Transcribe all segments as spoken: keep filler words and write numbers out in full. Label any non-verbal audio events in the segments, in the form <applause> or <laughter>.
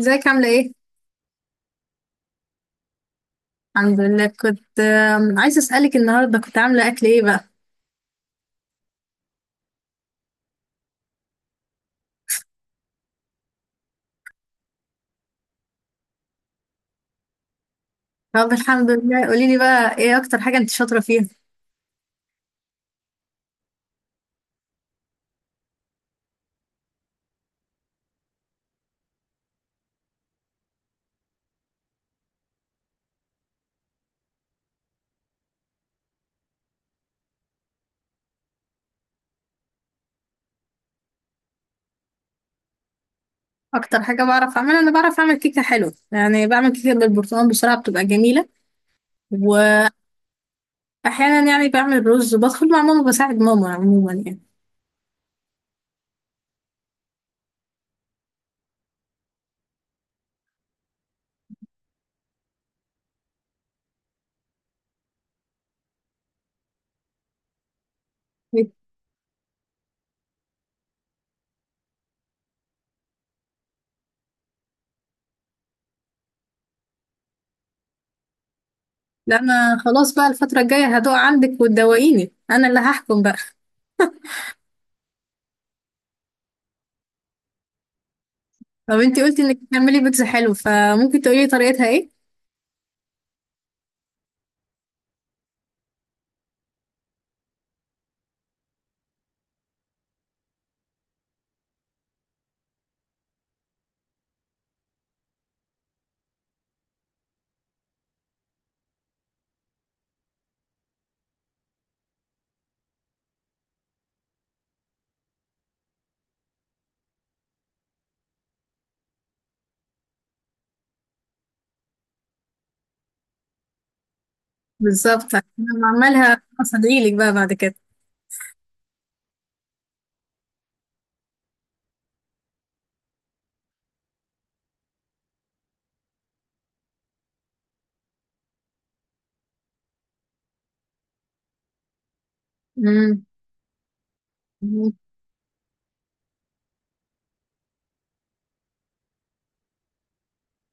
ازيك؟ عاملة ايه؟ الحمد لله كنت آم، عايزة اسألك النهاردة كنت عاملة اكل ايه بقى؟ طب الحمد لله قولي لي بقى ايه اكتر حاجة انت شاطرة فيها؟ اكتر حاجة بعرف اعملها، انا بعرف اعمل كيكة حلوة، يعني بعمل كيكة بالبرتقال بسرعة بتبقى جميلة. واحيانا يعني بعمل رز، بدخل مع ماما، بساعد ماما عموما يعني. لا انا خلاص بقى الفترة الجاية هدوق عندك وتدوقيني، انا اللي هحكم بقى. طب انت قلتي انك بتعملي بيتزا حلو، فممكن تقولي لي طريقتها ايه؟ بالظبط، انا بعملها هصدعيلك بقى بعد كده. مم.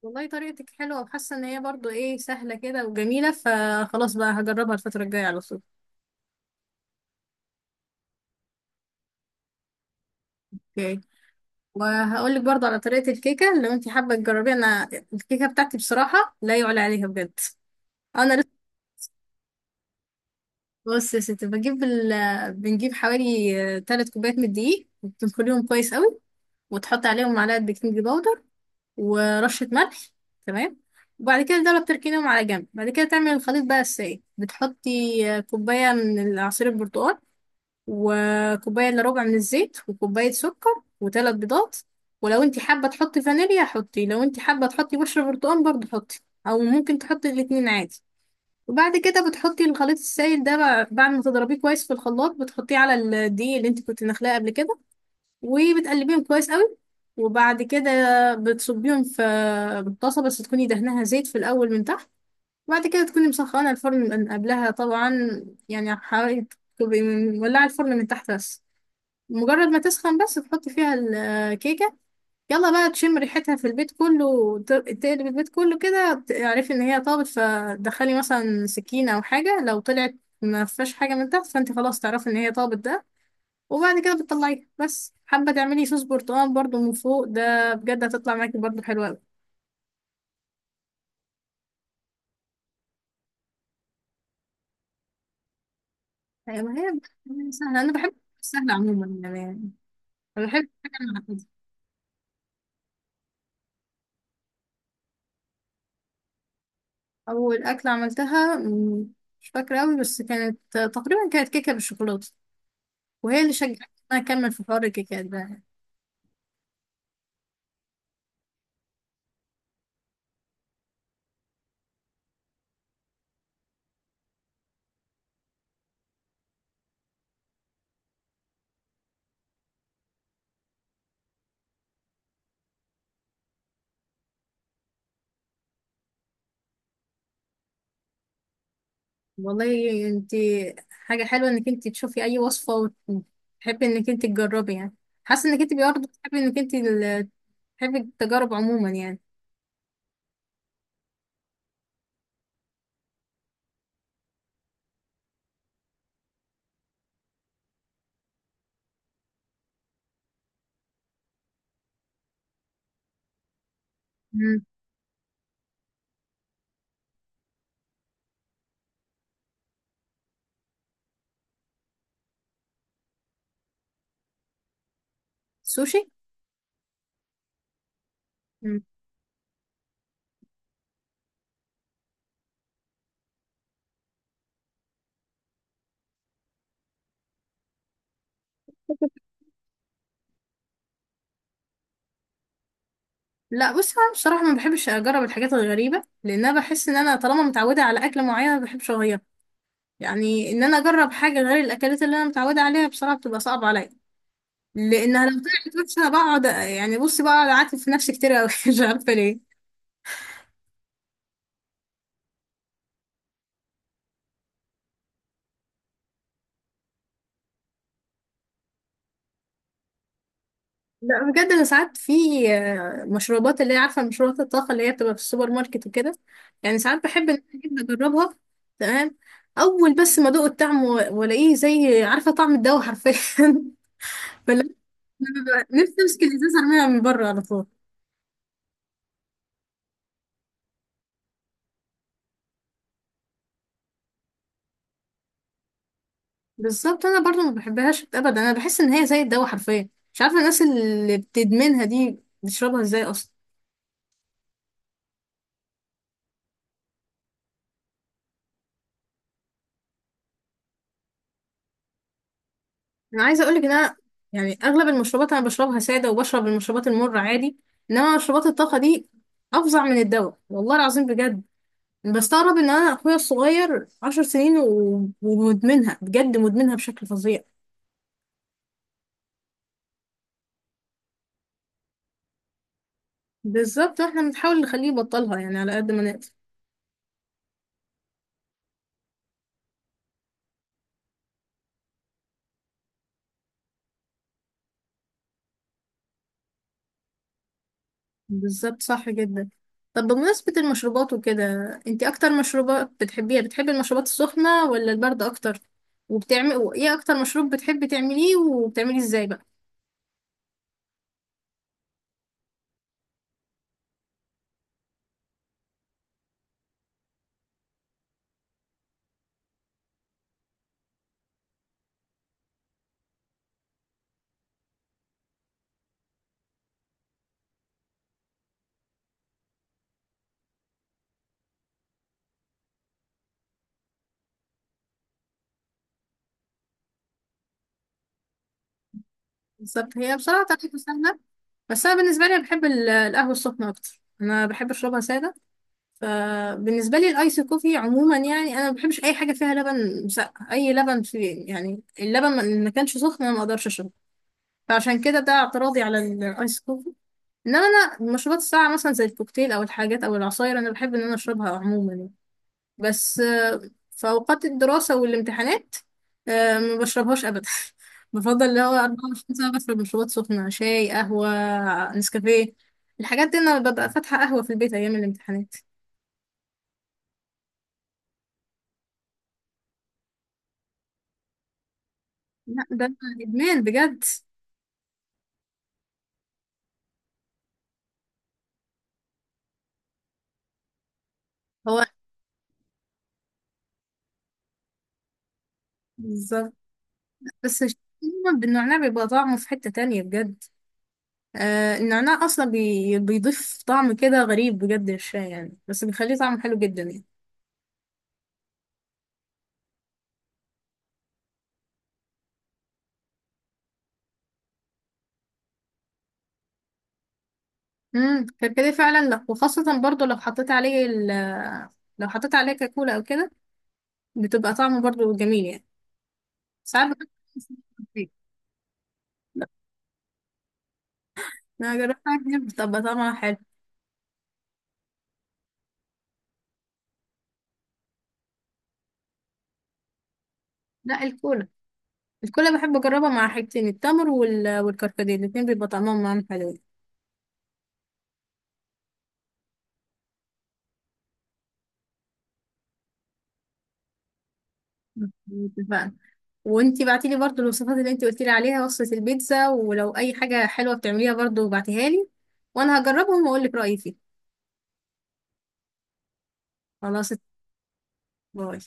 والله طريقتك حلوة وحاسة ان هي برضو ايه سهلة كده وجميلة، فخلاص بقى هجربها الفترة الجاية على طول. اوكي، وهقول لك برضو على طريقة الكيكة لو انت حابة تجربيها. انا الكيكة بتاعتي بصراحة لا يعلى عليها بجد. انا لسه بص يا ستي، بجيب ال... بنجيب حوالي ثلاث كوبايات من الدقيق وبتنخليهم كويس قوي، وتحط عليهم معلقة بيكنج باودر ورشة ملح، تمام. وبعد كده دول بتركينهم على جنب، بعد كده تعمل الخليط بقى السائل، بتحطي كوباية من عصير البرتقال وكوباية الا ربع من الزيت وكوباية سكر وثلاث بيضات. ولو انت حابة تحطي فانيليا حطي، لو انت حابة تحطي بشرة برتقال برضه حطي، او ممكن تحطي الاتنين عادي. وبعد كده بتحطي الخليط السائل ده بع- بعد ما تضربيه كويس في الخلاط، بتحطيه على الدقيق اللي انت كنت نخلاه قبل كده، وبتقلبيهم كويس قوي. وبعد كده بتصبيهم في طاسة، بس تكوني دهنها زيت في الأول من تحت. وبعد كده تكوني مسخنة الفرن من قبلها طبعا، يعني حوالي، تبقي مولعة الفرن من تحت بس. مجرد ما تسخن بس تحط فيها الكيكة. يلا بقى تشم ريحتها في البيت كله، وت- تقلب البيت كله كده، تعرفي ان هي طابت. فدخلي مثلا سكينة او حاجة، لو طلعت ما فيهاش حاجة من تحت فانت خلاص تعرفي ان هي طابت ده. وبعد كده بتطلعيها، بس حابة تعملي صوص برتقال برضو من فوق، ده بجد هتطلع معاكي برضو حلوة اوي. أيوة، ما هي بتبقى سهلة. انا بحب سهلة عموما يعني، انا بحب حاجة معقدة. اول اكلة عملتها مم، مش فاكرة اوي، بس كانت تقريبا كانت كيكة بالشوكولاتة، وهي اللي شجعتني ان انا اكمل في حوار الكيكات ده. والله انت حاجه حلوه انك انت تشوفي اي وصفه وتحبي انك انت تجربي يعني. حاسه انك انت برضه بتحبي انك انت ال- تحبي التجارب عموما يعني. مم. سوشي. مم. لا بص، انا بصراحه ما بحبش اجرب الحاجات الغريبه، لان انا بحس ان انا طالما متعوده على اكله معينه ما بحبش اغيرها. يعني ان انا اجرب حاجه غير الاكلات اللي انا متعوده عليها بصراحه بتبقى صعبه عليا، لانها لو طلعت وحشه انا بقعد، يعني بصي بقعد اعاتب في نفسي كتير قوي. <laughs> مش عارفه ليه. لا بجد انا ساعات في آه، مشروبات اللي هي عارفه، مشروبات الطاقه اللي هي بتبقى في السوبر ماركت وكده، يعني ساعات بحب ان انا أجيب اجربها. تمام. اول بس ما ادوق الطعم و- والاقيه زي عارفه طعم الدواء حرفيا. <laughs> فلا، أنا ببقى نفسي امسك الازازه ارميها من بره على طول. بالظبط، انا برضو ما بحبهاش ابدا، انا بحس ان هي زي الدواء حرفيا. مش عارفه الناس اللي بتدمنها دي بتشربها ازاي اصلا. انا عايزه اقولك ان انا يعني اغلب المشروبات انا بشربها ساده، وبشرب المشروبات المره عادي. انما مشروبات الطاقه دي افظع من الدواء والله العظيم بجد. بستغرب ان انا اخويا الصغير عشر سنين و- ومدمنها، بجد مدمنها بشكل فظيع. بالظبط، احنا بنحاول نخليه يبطلها يعني على قد ما نقدر. بالظبط، صح جدا. طب بمناسبة المشروبات وكده، انتي اكتر مشروبات بتحبيها، بتحبي المشروبات السخنة ولا الباردة اكتر؟ وبتعمل ايه اكتر مشروب بتحبي تعمليه، وبتعمليه ازاي بقى؟ بالظبط هي بصراحة طريقته سهلة، بس أنا بالنسبة لي بحب ال- القهوة السخنة أكتر. أنا بحب أشربها سادة، فبالنسبة لي الأيس كوفي عموما يعني أنا ما بحبش أي حاجة فيها لبن مسقع، أي لبن في يعني اللبن ما ما كانش سخن أنا ما أقدرش أشربه. فعشان كده ده اعتراضي على الأيس كوفي. إنما أنا المشروبات الساقعة مثلا زي الكوكتيل أو الحاجات أو العصاير أنا بحب إن أنا أشربها عموما يعني. بس آه، في أوقات الدراسة والامتحانات آه، ما بشربهاش أبدا. <laughs> بفضل اللي هو اربعة وعشرين ساعة بشرب مشروبات سخنة، شاي، قهوة، نسكافيه، الحاجات دي. أنا ببقى فاتحة قهوة في البيت أيام الامتحانات. لا ده إدمان بجد. هو بالظبط بس الشاي عموماً بالنعناع بيبقى طعمه في حتة تانية بجد. آه النعناع أصلا بي... بيضيف طعم كده غريب بجد للشاي يعني، بس بيخليه طعمه حلو جدا يعني. امم كركديه فعلا، لو وخاصة برضو لو حطيت عليه ال، لو حطيت عليه كاكولا او كده بتبقى طعمه برضو جميل يعني، ساعات. بحب-. لا، انا جربت حاجة كتير بتبقى طعمها حلو. لا الكولا، الكولا بحب اجربها مع حاجتين، التمر وال... والكركديه، الاتنين بيبقى طعمهم معاهم حلو. مم. اتفقنا. وانتي بعتيلي برضو الوصفات اللي انتي قلتيلي عليها، وصفة البيتزا، ولو اي حاجة حلوة بتعمليها برضو بعتيها لي، وانا هجربهم واقولك رأيي فيه. خلاص، باي.